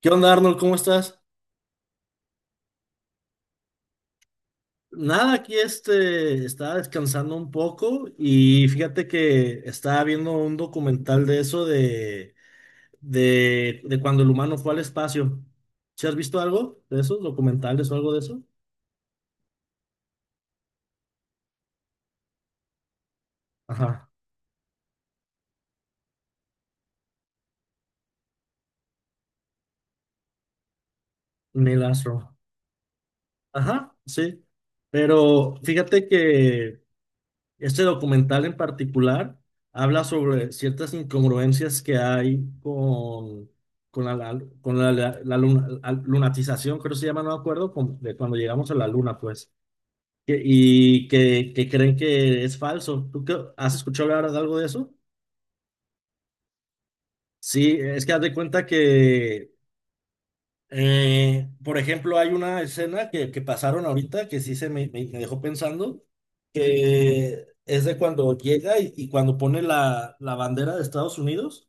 ¿Qué onda, Arnold? ¿Cómo estás? Nada, aquí este, estaba descansando un poco y fíjate que estaba viendo un documental de eso de cuando el humano fue al espacio. ¿Sí has visto algo de esos documentales o algo de eso? Ajá, Neil Armstrong. Ajá, sí. Pero fíjate que este documental en particular habla sobre ciertas incongruencias que hay con la lunatización, creo que se llama, no me acuerdo, de cuando llegamos a la luna, pues, y que creen que es falso. ¿Tú has escuchado hablar de algo de eso? Sí, es que haz de cuenta que, por ejemplo, hay una escena que pasaron ahorita que sí se me dejó pensando, que es de cuando llega y, cuando pone la bandera de Estados Unidos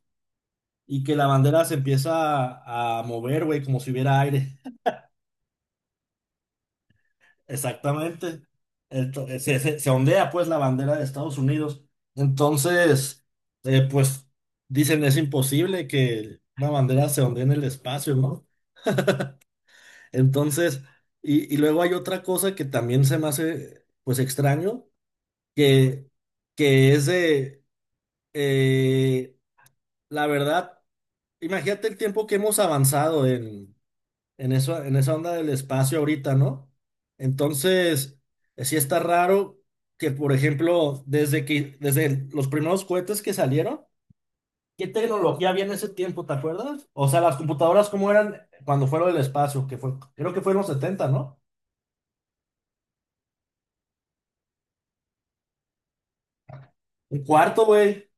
y que la bandera se empieza a mover, güey, como si hubiera aire. Exactamente. Se ondea pues la bandera de Estados Unidos. Entonces, pues dicen es imposible que una bandera se ondee en el espacio, ¿no? Entonces, y luego hay otra cosa que también se me hace pues extraño, que, que es de, eh, la verdad, imagínate el tiempo que hemos avanzado en esa onda del espacio ahorita, ¿no? Entonces, sí está raro que, por ejemplo, desde los primeros cohetes que salieron, ¿qué tecnología había en ese tiempo, te acuerdas? O sea, las computadoras, ¿cómo eran cuando fueron del espacio? Que fue, creo que fue en los 70, ¿no? Un cuarto, güey.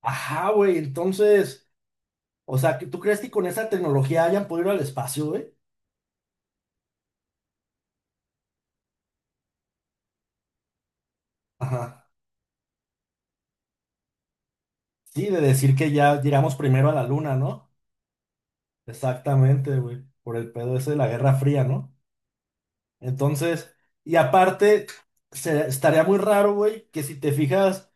Ajá, güey. Entonces, o sea, ¿tú crees que con esa tecnología hayan podido ir al espacio, güey? Ajá. Sí, de decir que ya llegamos primero a la luna, ¿no? Exactamente, güey. Por el pedo ese de la Guerra Fría, ¿no? Entonces, y aparte, estaría muy raro, güey, que si te fijas,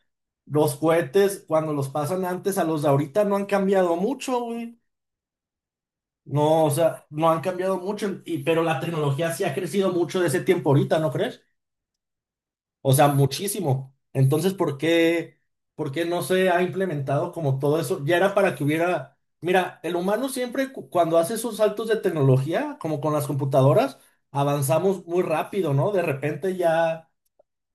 los cohetes, cuando los pasan antes a los de ahorita, no han cambiado mucho, güey. No, o sea, no han cambiado mucho, pero la tecnología sí ha crecido mucho de ese tiempo ahorita, ¿no crees? O sea, muchísimo. Entonces, ¿por qué no se ha implementado como todo eso? Ya era para que hubiera. Mira, el humano siempre cuando hace esos saltos de tecnología, como con las computadoras, avanzamos muy rápido, ¿no? De repente ya,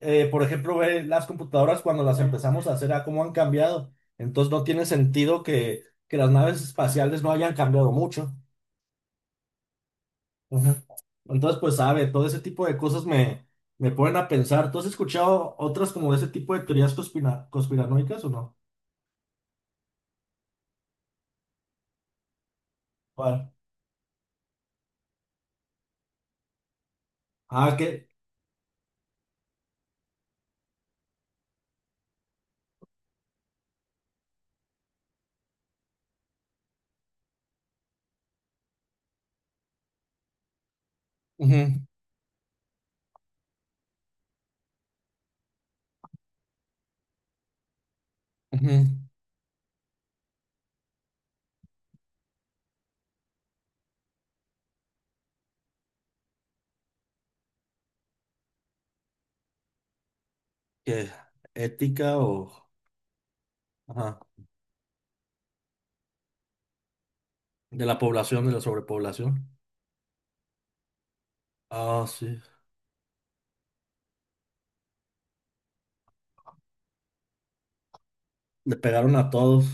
por ejemplo, ve las computadoras cuando las empezamos a hacer, a cómo han cambiado. Entonces, no tiene sentido que las naves espaciales no hayan cambiado mucho. Ujú. Entonces, pues sabe, todo ese tipo de cosas me ponen a pensar. ¿Tú has escuchado otras como de ese tipo de teorías conspiranoicas o no? ¿Cuál? Ah, que, ujú, ujú, que ética o ajá, de la población, de la sobrepoblación. Ah, sí. Le pegaron a todos,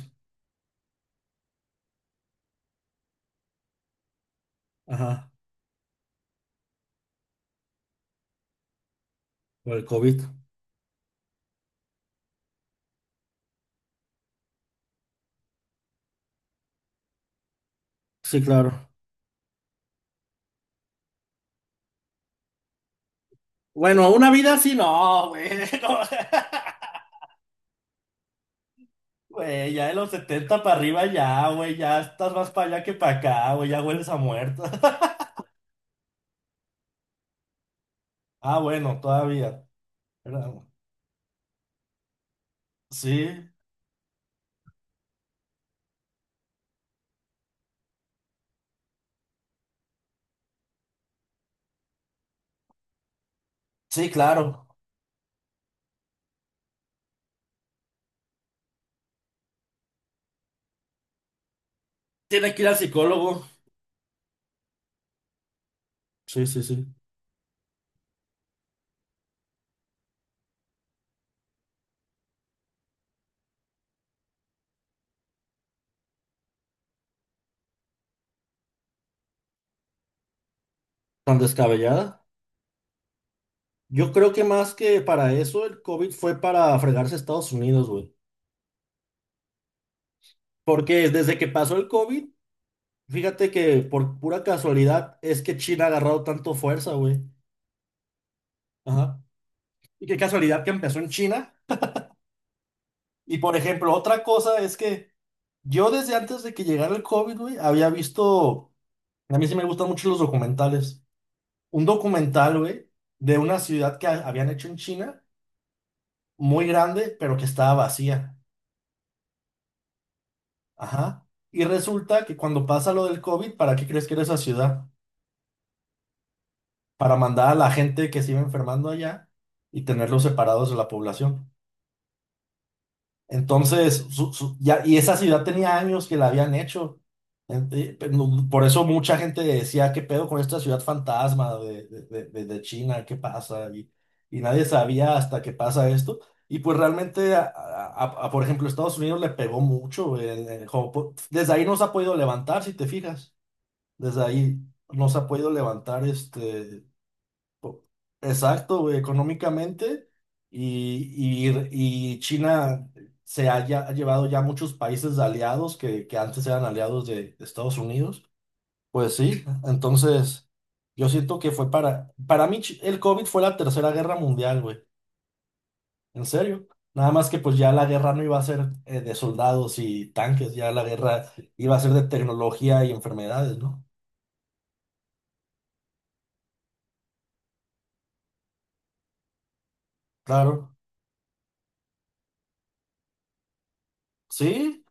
ajá, por el COVID. Sí, claro. Bueno, una vida así no, güey. No. Güey, ya de los 70 para arriba ya, güey, ya estás más para allá que para acá, güey, ya hueles a muerto. Ah, bueno, todavía. Era- Sí, sí, claro. Tiene que ir al psicólogo. Sí, sí, sí. Tan descabellada. Yo creo que más que para eso, el COVID fue para fregarse a Estados Unidos, güey. Porque desde que pasó el COVID, fíjate que por pura casualidad es que China ha agarrado tanto fuerza, güey. Ajá. Y qué casualidad que empezó en China. Y por ejemplo, otra cosa es que yo desde antes de que llegara el COVID, güey, había visto. A mí sí me gustan mucho los documentales. Un documental, güey, de una ciudad que habían hecho en China, muy grande, pero que estaba vacía. Ajá. Y resulta que cuando pasa lo del COVID, ¿para qué crees que era esa ciudad? Para mandar a la gente que se iba enfermando allá y tenerlos separados de la población. Entonces, ya, y esa ciudad tenía años que la habían hecho. No, por eso mucha gente decía, ¿qué pedo con esta ciudad fantasma de China? ¿Qué pasa? Y nadie sabía hasta que pasa esto. Y pues realmente, por ejemplo, Estados Unidos le pegó mucho en Japón. Desde ahí no se ha podido levantar, si te fijas. Desde ahí no se ha podido levantar este. Exacto, güey, económicamente y, y- y China ha llevado ya muchos países de aliados que antes eran aliados de Estados Unidos. Pues sí, entonces yo siento que fue para mí Chi- el COVID fue la tercera guerra mundial, güey, en serio. Nada más que pues ya la guerra no iba a ser, de soldados y tanques, ya la guerra iba a ser de tecnología y enfermedades, ¿no? Claro, sí,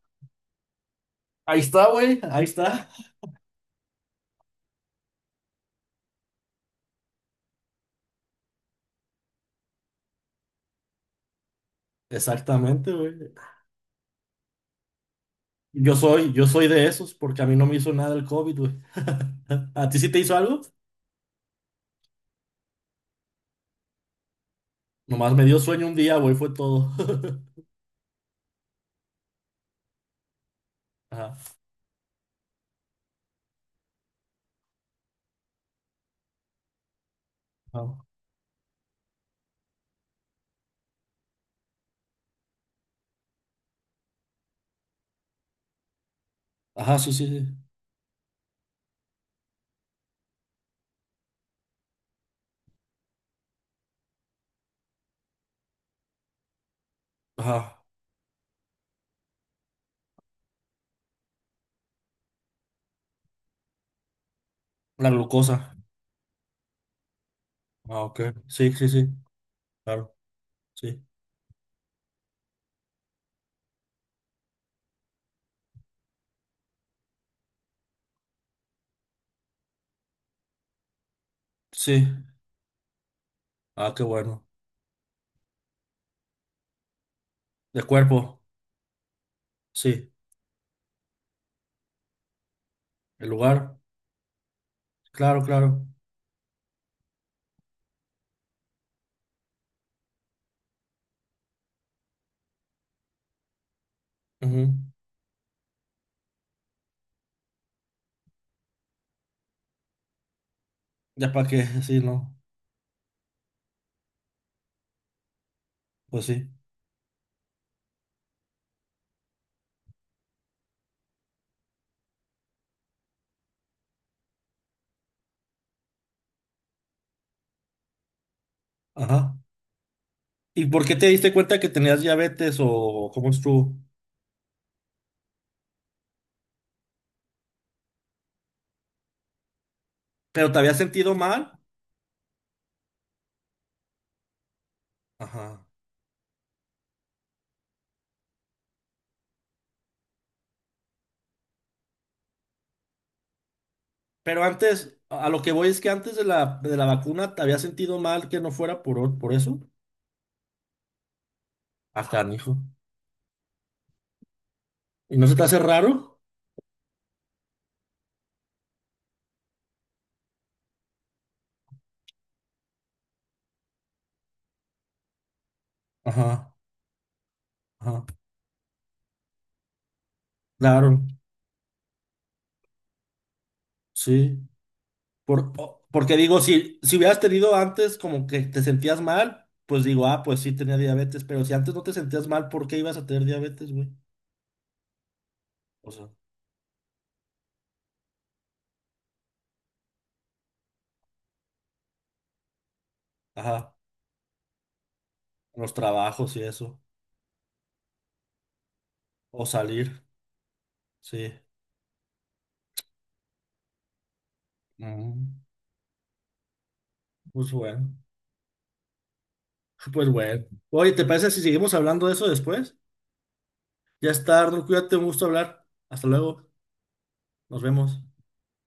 ahí está, güey, ahí está. Exactamente, güey. Yo soy de esos porque a mí no me hizo nada el COVID, güey. ¿A ti sí te hizo algo? Nomás me dio sueño un día, güey, fue todo. Ajá. Ajá, Ajá, sí, sí, sí. Ajá. La glucosa. Ah, ok. Sí, sí, sí. Claro, sí. Sí. Ah, qué bueno. De cuerpo. Sí. El lugar. Claro, claro. Ujú. Ya para qué, sí, no. Pues sí. Ajá. ¿Y por qué te diste cuenta que tenías diabetes o cómo estuvo? ¿Pero te habías sentido mal? Ajá. Pero antes, a lo que voy es que antes de la vacuna te había sentido mal que no fuera por eso. Acá, hijo. ¿Y no se te hace raro? Ajá, ajá. Claro, sí. Porque digo, si hubieras tenido antes como que te sentías mal, pues digo, ah, pues sí tenía diabetes, pero si antes no te sentías mal, ¿por qué ibas a tener diabetes, güey? O sea, ajá, los trabajos y eso. O salir, sí. Mm, pues bueno, pues bueno. Oye, ¿te parece si seguimos hablando de eso después? Ya está, Arnold, cuídate, un gusto hablar. Hasta luego, nos vemos.